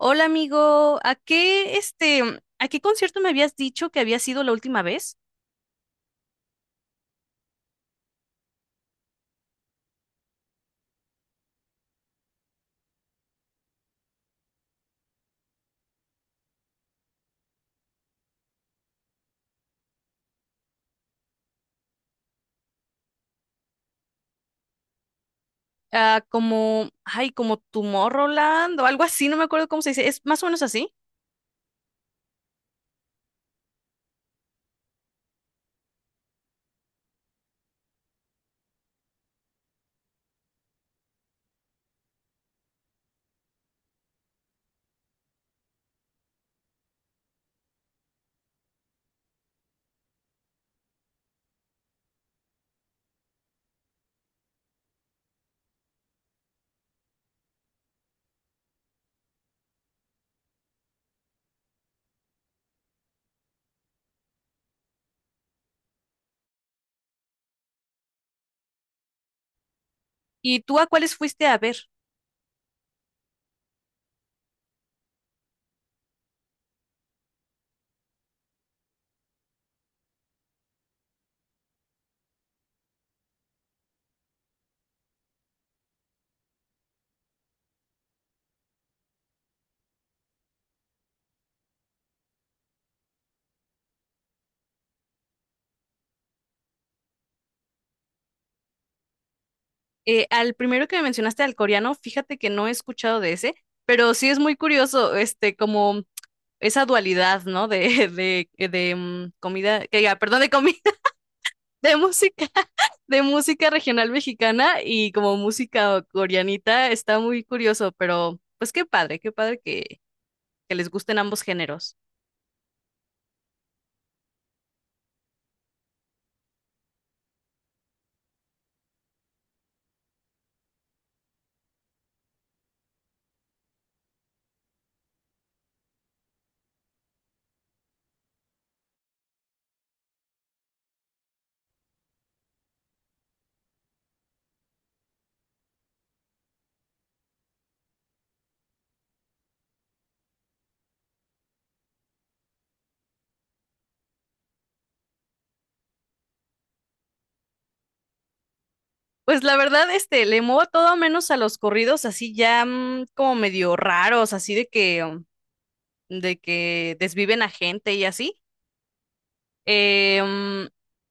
Hola amigo, ¿a qué a qué concierto me habías dicho que había sido la última vez? Ah, como, ay, como Tomorrowland o algo así, no me acuerdo cómo se dice, es más o menos así. ¿Y tú a cuáles fuiste a ver? Al primero que me mencionaste, al coreano, fíjate que no he escuchado de ese, pero sí es muy curioso, este, como esa dualidad, ¿no? Comida, que, diga, perdón, de comida. De música, de música regional mexicana y como música coreanita, está muy curioso, pero pues qué padre, que les gusten ambos géneros. Pues la verdad, este, le muevo todo menos a los corridos así ya como medio raros, así de que de que desviven a gente y así. Eh, mm,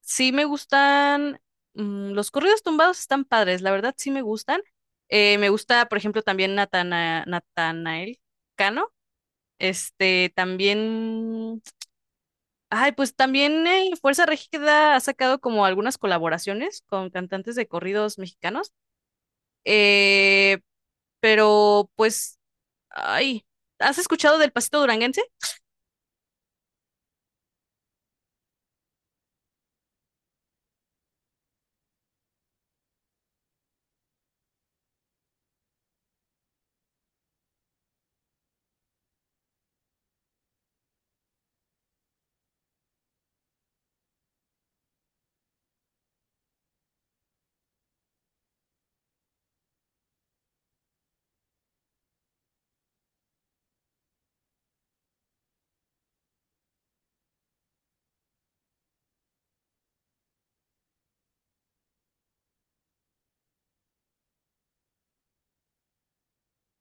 sí me gustan, mm, los corridos tumbados están padres, la verdad sí me gustan. Me gusta, por ejemplo, también Natanael Cano. Este, también, ay, pues también Fuerza Régida ha sacado como algunas colaboraciones con cantantes de corridos mexicanos. Eh, pero pues, ay, ¿has escuchado del Pasito Duranguense?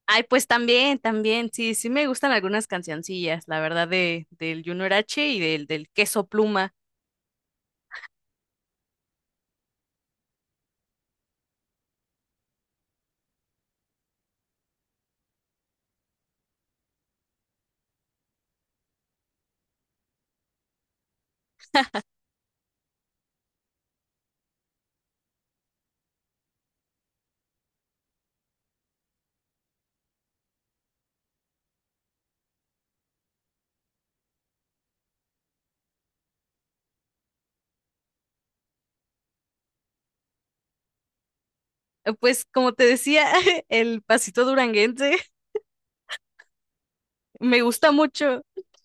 Ay, pues también, también, sí, sí me gustan algunas cancioncillas, la verdad, del Junior H y del Queso Pluma. Pues como te decía, el Pasito Duranguense me gusta mucho.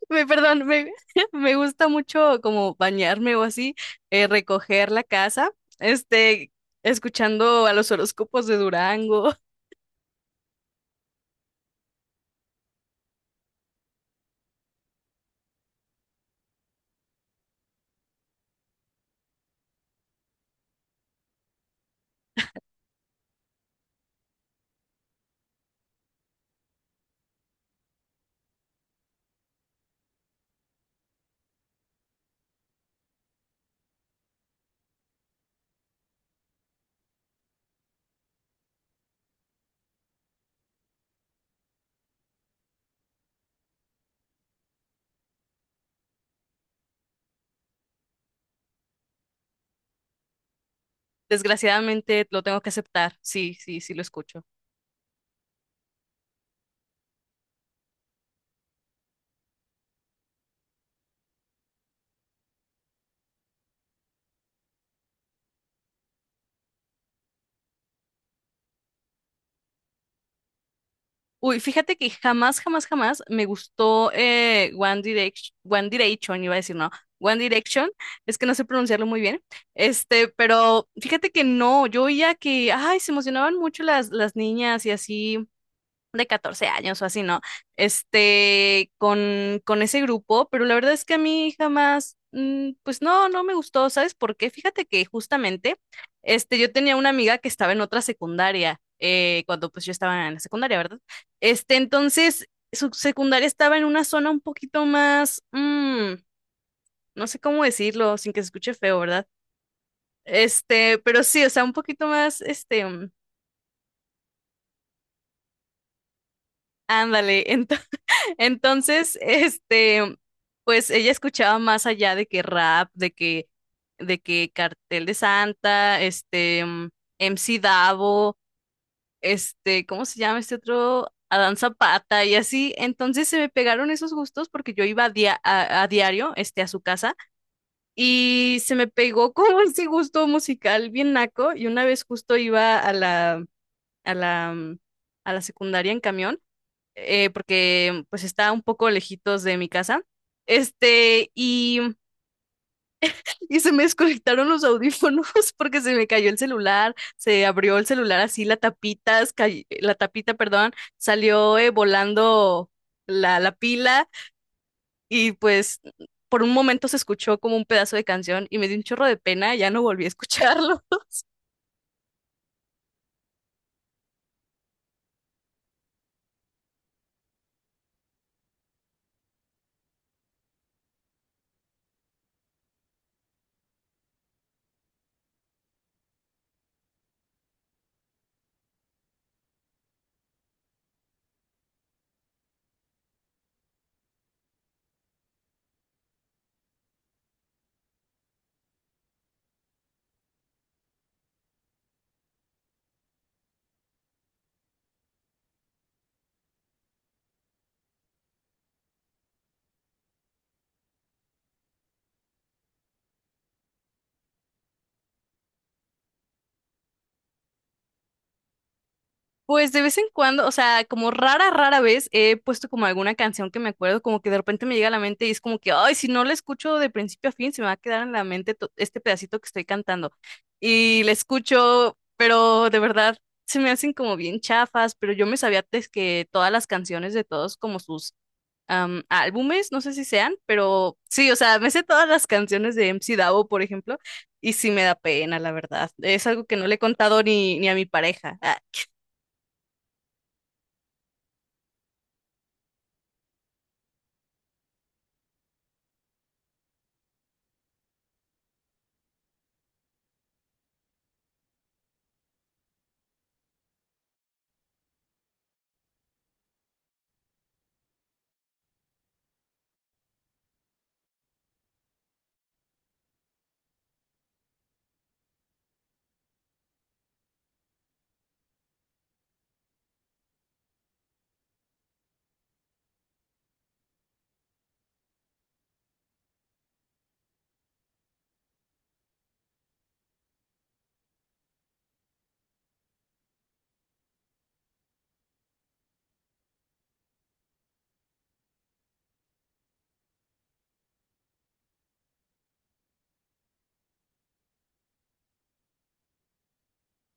Me, perdón, me, me gusta mucho como bañarme o así, recoger la casa, este, escuchando a los horóscopos de Durango. Desgraciadamente lo tengo que aceptar. Sí, sí, sí lo escucho. Uy, fíjate que jamás, jamás, jamás me gustó One Direction, iba a decir, no, One Direction, es que no sé pronunciarlo muy bien, este, pero fíjate que no, yo oía que, ay, se emocionaban mucho las niñas y así, de 14 años o así, ¿no? Este, con ese grupo, pero la verdad es que a mí jamás, mm, pues no, no me gustó, ¿sabes por qué? Fíjate que justamente, este, yo tenía una amiga que estaba en otra secundaria, cuando pues yo estaba en la secundaria, ¿verdad? Este, entonces, su secundaria estaba en una zona un poquito más, mm, no sé cómo decirlo, sin que se escuche feo, ¿verdad? Este, pero sí, o sea, un poquito más, este, ándale, entonces, este, pues ella escuchaba más allá de que rap, de que Cartel de Santa, este, mm, MC Davo, este, ¿cómo se llama este otro? Adán Zapata y así. Entonces se me pegaron esos gustos porque yo iba a diario, este, a su casa y se me pegó como ese gusto musical bien naco y una vez justo iba a la, mm, a la secundaria en camión porque pues está un poco lejitos de mi casa. Este, y, y se me desconectaron los audífonos porque se me cayó el celular, se abrió el celular así, la tapita, la tapita, perdón, salió volando la pila y pues por un momento se escuchó como un pedazo de canción y me dio un chorro de pena, ya no volví a escucharlo. Pues de vez en cuando, o sea, como rara vez he puesto como alguna canción que me acuerdo, como que de repente me llega a la mente y es como que, ay, si no la escucho de principio a fin, se me va a quedar en la mente este pedacito que estoy cantando. Y la escucho, pero de verdad se me hacen como bien chafas, pero yo me sabía antes que todas las canciones de todos como sus am, álbumes, no sé si sean, pero sí, o sea, me sé todas las canciones de MC Davo, por ejemplo, y sí me da pena, la verdad. Es algo que no le he contado ni a mi pareja.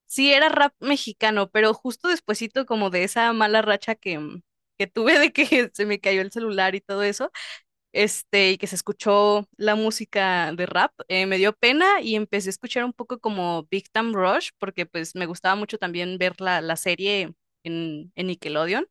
Sí, era rap mexicano, pero justo despuesito como de esa mala racha que, mm, que tuve de que se me cayó el celular y todo eso, este, y que se escuchó la música de rap, me dio pena y empecé a escuchar un poco como Big Time Rush, porque pues me gustaba mucho también ver la serie en Nickelodeon.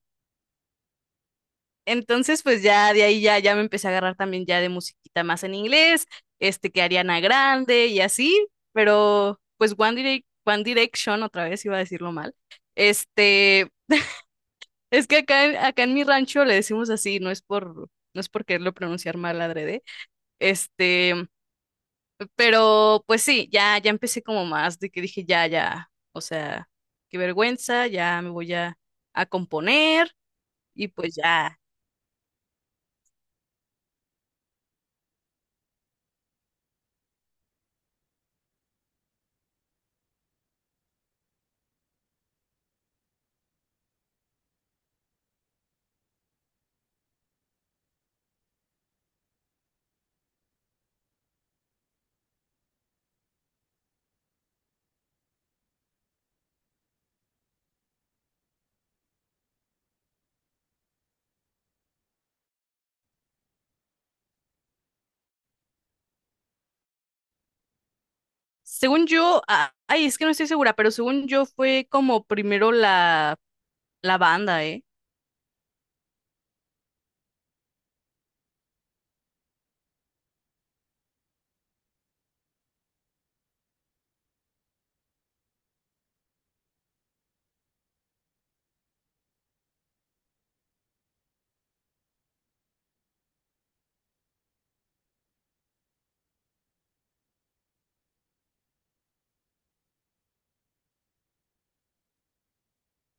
Entonces, pues ya de ahí ya, ya me empecé a agarrar también ya de musiquita más en inglés, este que Ariana Grande y así, pero pues One Direction, otra vez iba a decirlo mal. Este, es que acá, acá en mi rancho le decimos así, no es por, no es por quererlo pronunciar mal adrede. Este, pero pues sí, ya, ya empecé como más de que dije ya, ya, o sea, qué vergüenza, ya me voy a componer y pues ya. Según yo, ay, es que no estoy segura, pero según yo fue como primero la banda, ¿eh?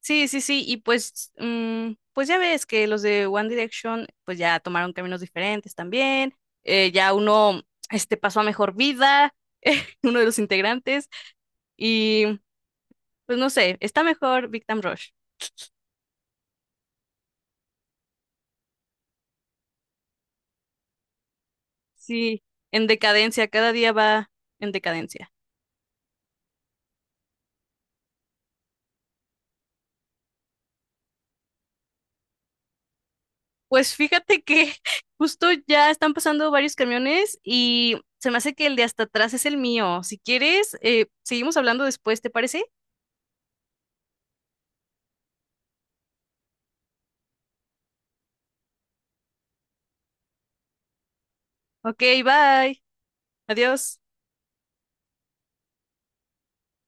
Sí, sí, sí, y pues, mm, pues ya ves que los de One Direction, pues ya tomaron caminos diferentes también, ya uno, este, pasó a mejor vida, uno de los integrantes, y pues no sé, está mejor Victim Rush. Sí, en decadencia, cada día va en decadencia. Pues fíjate que justo ya están pasando varios camiones y se me hace que el de hasta atrás es el mío. Si quieres, seguimos hablando después, ¿te parece? Ok, bye. Adiós.